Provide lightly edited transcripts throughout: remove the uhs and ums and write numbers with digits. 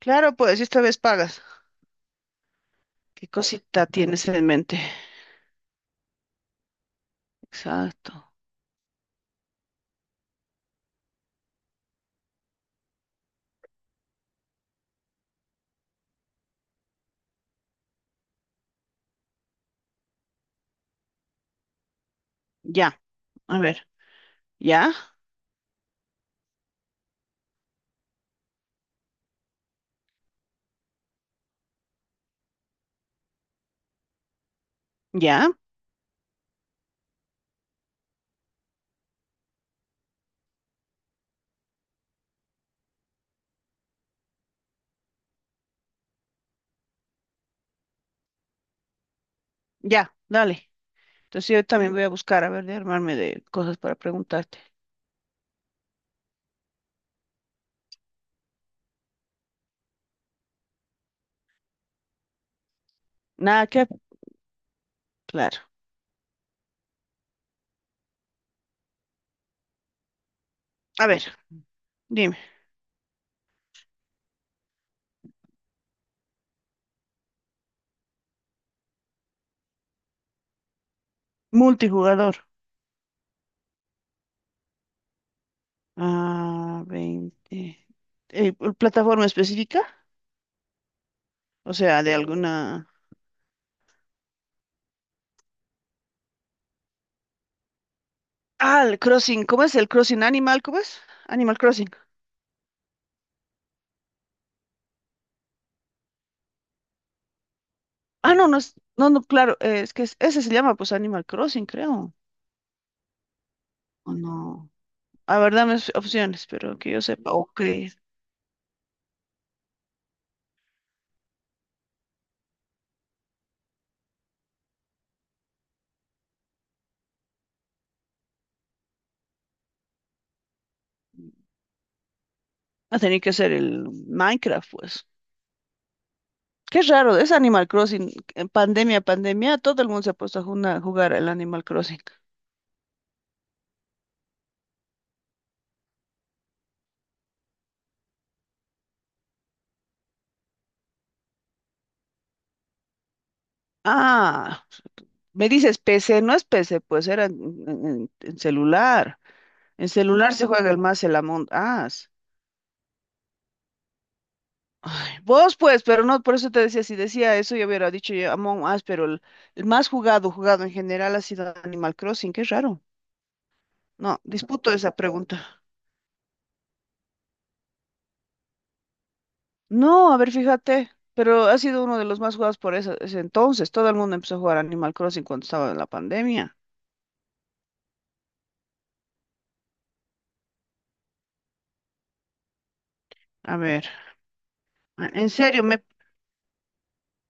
Claro, pues si esta vez pagas. ¿Qué cosita tienes en mente? Exacto. Ya, a ver, ya, ya, ya, dale. Entonces yo también voy a buscar, a ver, de armarme de cosas para preguntarte. Nada que, claro. A ver, dime, multijugador. Ah, 20. Eh, ¿Plataforma específica? O sea, de alguna... Ah, el Crossing, ¿cómo es? ¿El Crossing Animal? ¿Cómo es? Animal Crossing. Ah, no, no, no, no, claro, es que ese se llama pues Animal Crossing, creo. ¿O no? A ver, dame opciones, pero que yo sepa. Ok. Va a tener que ser el Minecraft, pues. Qué raro, es Animal Crossing. En pandemia, pandemia, todo el mundo se ha puesto a jugar el Animal Crossing. Ah, me dices PC, no es PC, pues era en celular. En celular se juega el más el Among Us. Ay, vos pues, pero no, por eso te decía, si decía eso yo hubiera dicho yo Among Us, pero el más jugado, jugado en general ha sido Animal Crossing, qué raro. No, disputo esa pregunta. No, a ver, fíjate, pero ha sido uno de los más jugados por ese, ese entonces. Todo el mundo empezó a jugar Animal Crossing cuando estaba en la pandemia. A ver, en serio,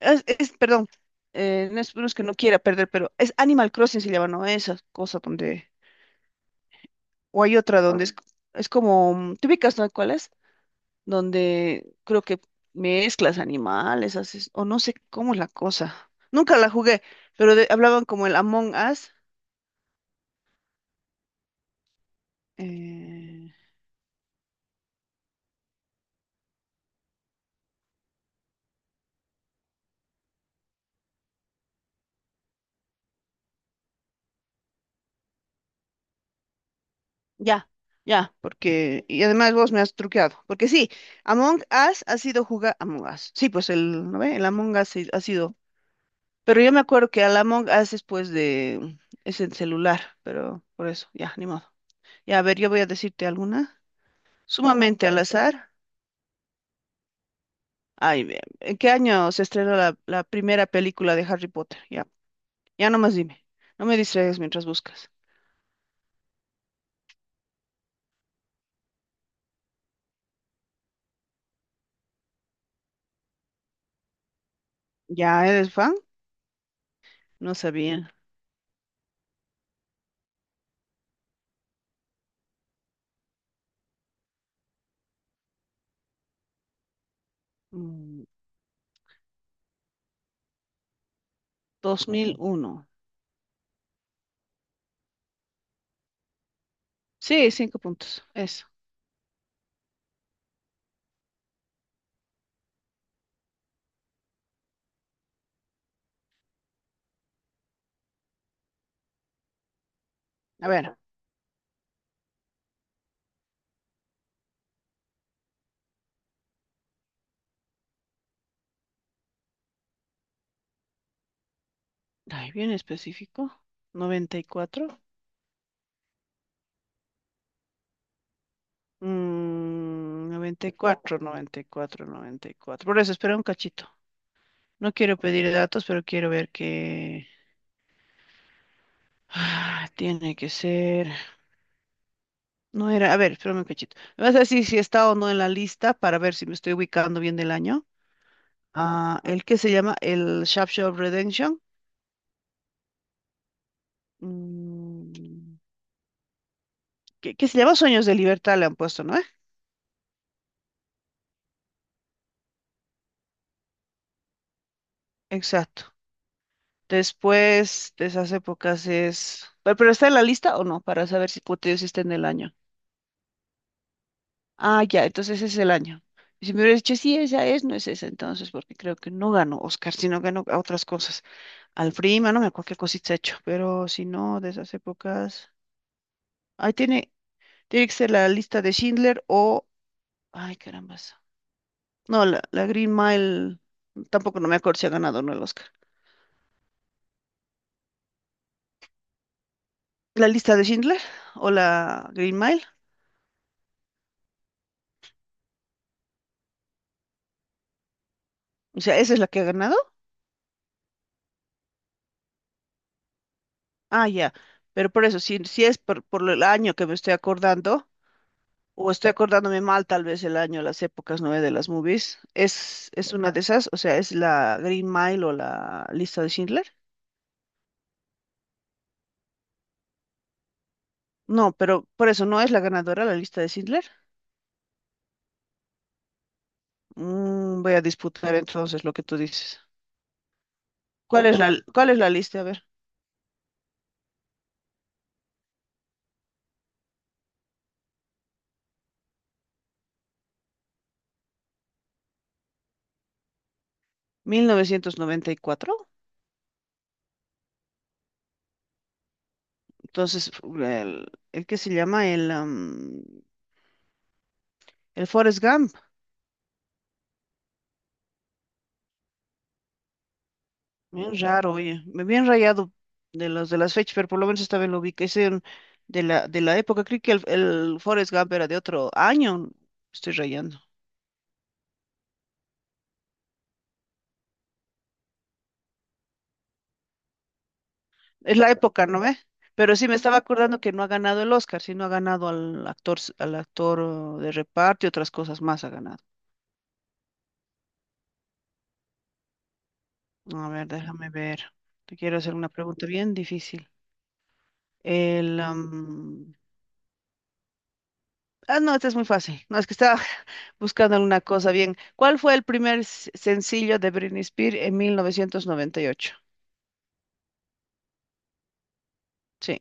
perdón, no es, no es que no quiera perder, pero es Animal Crossing se llama, ¿no? Esa cosa donde, o hay otra donde es como, ¿te ubicas, no? ¿Cuál es? Donde creo que mezclas animales, haces, o no sé cómo es la cosa. Nunca la jugué, pero hablaban como el Among Us. eh, Ya, ya, porque, y además vos me has truqueado, porque sí, Among Us ha sido jugar, Among Us, sí, pues el, ¿no ve? El Among Us sí ha sido, pero yo me acuerdo que al Among Us es pues de, es en celular, pero por eso, ya, ni modo. Ya, a ver, yo voy a decirte alguna, sumamente al azar, ay, ¿en qué año se estrenó la primera película de Harry Potter? Ya, ya nomás dime, no me distraigas mientras buscas. ¿Ya eres fan? No sabía. Mm, 2001. Sí, cinco puntos. Es. A ver, ay, bien específico. 94. Mm, noventa y cuatro, noventa y cuatro. Por eso, espera un cachito. No quiero pedir datos, pero quiero ver que... Ah, tiene que ser... No era... A ver, espérame un cachito. Me vas a decir si está o no en la lista para ver si me estoy ubicando bien del año. Ah, el que se llama el Shop Redemption. Mm, ¿qué se llama? Sueños de Libertad le han puesto, ¿no? ¿Eh? Exacto. Después de esas épocas es... ¿Pero está en la lista o no? Para saber si, como te digo, si está en el año. Ah, ya, entonces ese es el año. Y si me hubiera dicho, sí, esa es, no es esa, entonces, porque creo que no ganó Oscar, sino ganó a otras cosas. Al Prima, no me acuerdo qué cosita ha hecho, pero si no, de esas épocas. Ahí tiene, tiene que ser la lista de Schindler o. Ay, carambas. No, la Green Mile. Tampoco no me acuerdo si ha ganado o no el Oscar. ¿La lista de Schindler o la Green Mile? O sea, esa es la que ha ganado. Ah, ya. Pero por eso, si, si es por el año que me estoy acordando, o estoy acordándome mal tal vez el año, las épocas nueve de las movies, es una de esas, o sea, es la Green Mile o la lista de Schindler. No, pero por eso no es la ganadora la lista de Schindler. Mm, voy a disputar entonces lo que tú dices. ¿Cuál es la lista? A ver, 1994. Entonces, el que se llama el, am, el Forrest Gump. Bien raro, oye, me bien rayado de los de las fechas, pero por lo menos esta vez lo vi, que es de de la época, creo que el Forrest Gump era de otro año, estoy rayando, es la época, ¿no ve? Pero sí, me estaba acordando que no ha ganado el Oscar, sí, no ha ganado al actor, al actor oh, de reparto y otras cosas más ha ganado. A ver, déjame ver, te quiero hacer una pregunta bien difícil. El, am, ah, no, esta es muy fácil, no, es que estaba, buscando alguna cosa bien. ¿Cuál fue el primer sencillo de Britney Spears en 1998? Sí,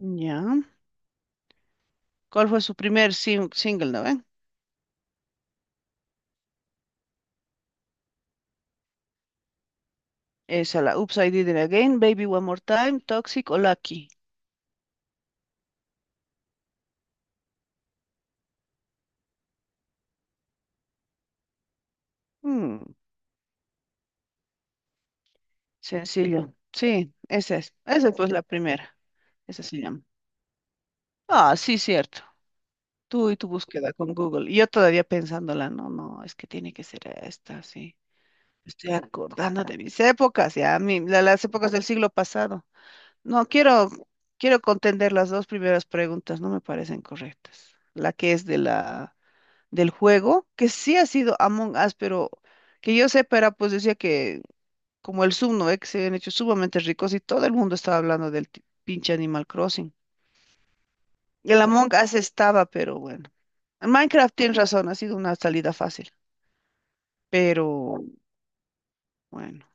ya. ¿Cuál fue su primer single, no ven? Esa, la Oops, I Did It Again, Baby One More Time, Toxic o Lucky. Mm, sencillo. Sí, esa es. Esa pues la primera. Esa se llama. Ah, sí, cierto. Tú y tu búsqueda con Google. Y yo todavía pensándola, no, no, es que tiene que ser esta, sí. Estoy acordando de mis épocas, ya, las épocas del siglo pasado. No, quiero, quiero contender las dos primeras preguntas, no me parecen correctas. La que es de del juego, que sí ha sido Among Us, pero que yo sepa era, pues decía que como el Zoom, ¿no? Que se habían hecho sumamente ricos y todo el mundo estaba hablando del pinche Animal Crossing. Y el Among Us estaba, pero bueno. En Minecraft tienes razón, ha sido una salida fácil, pero bueno.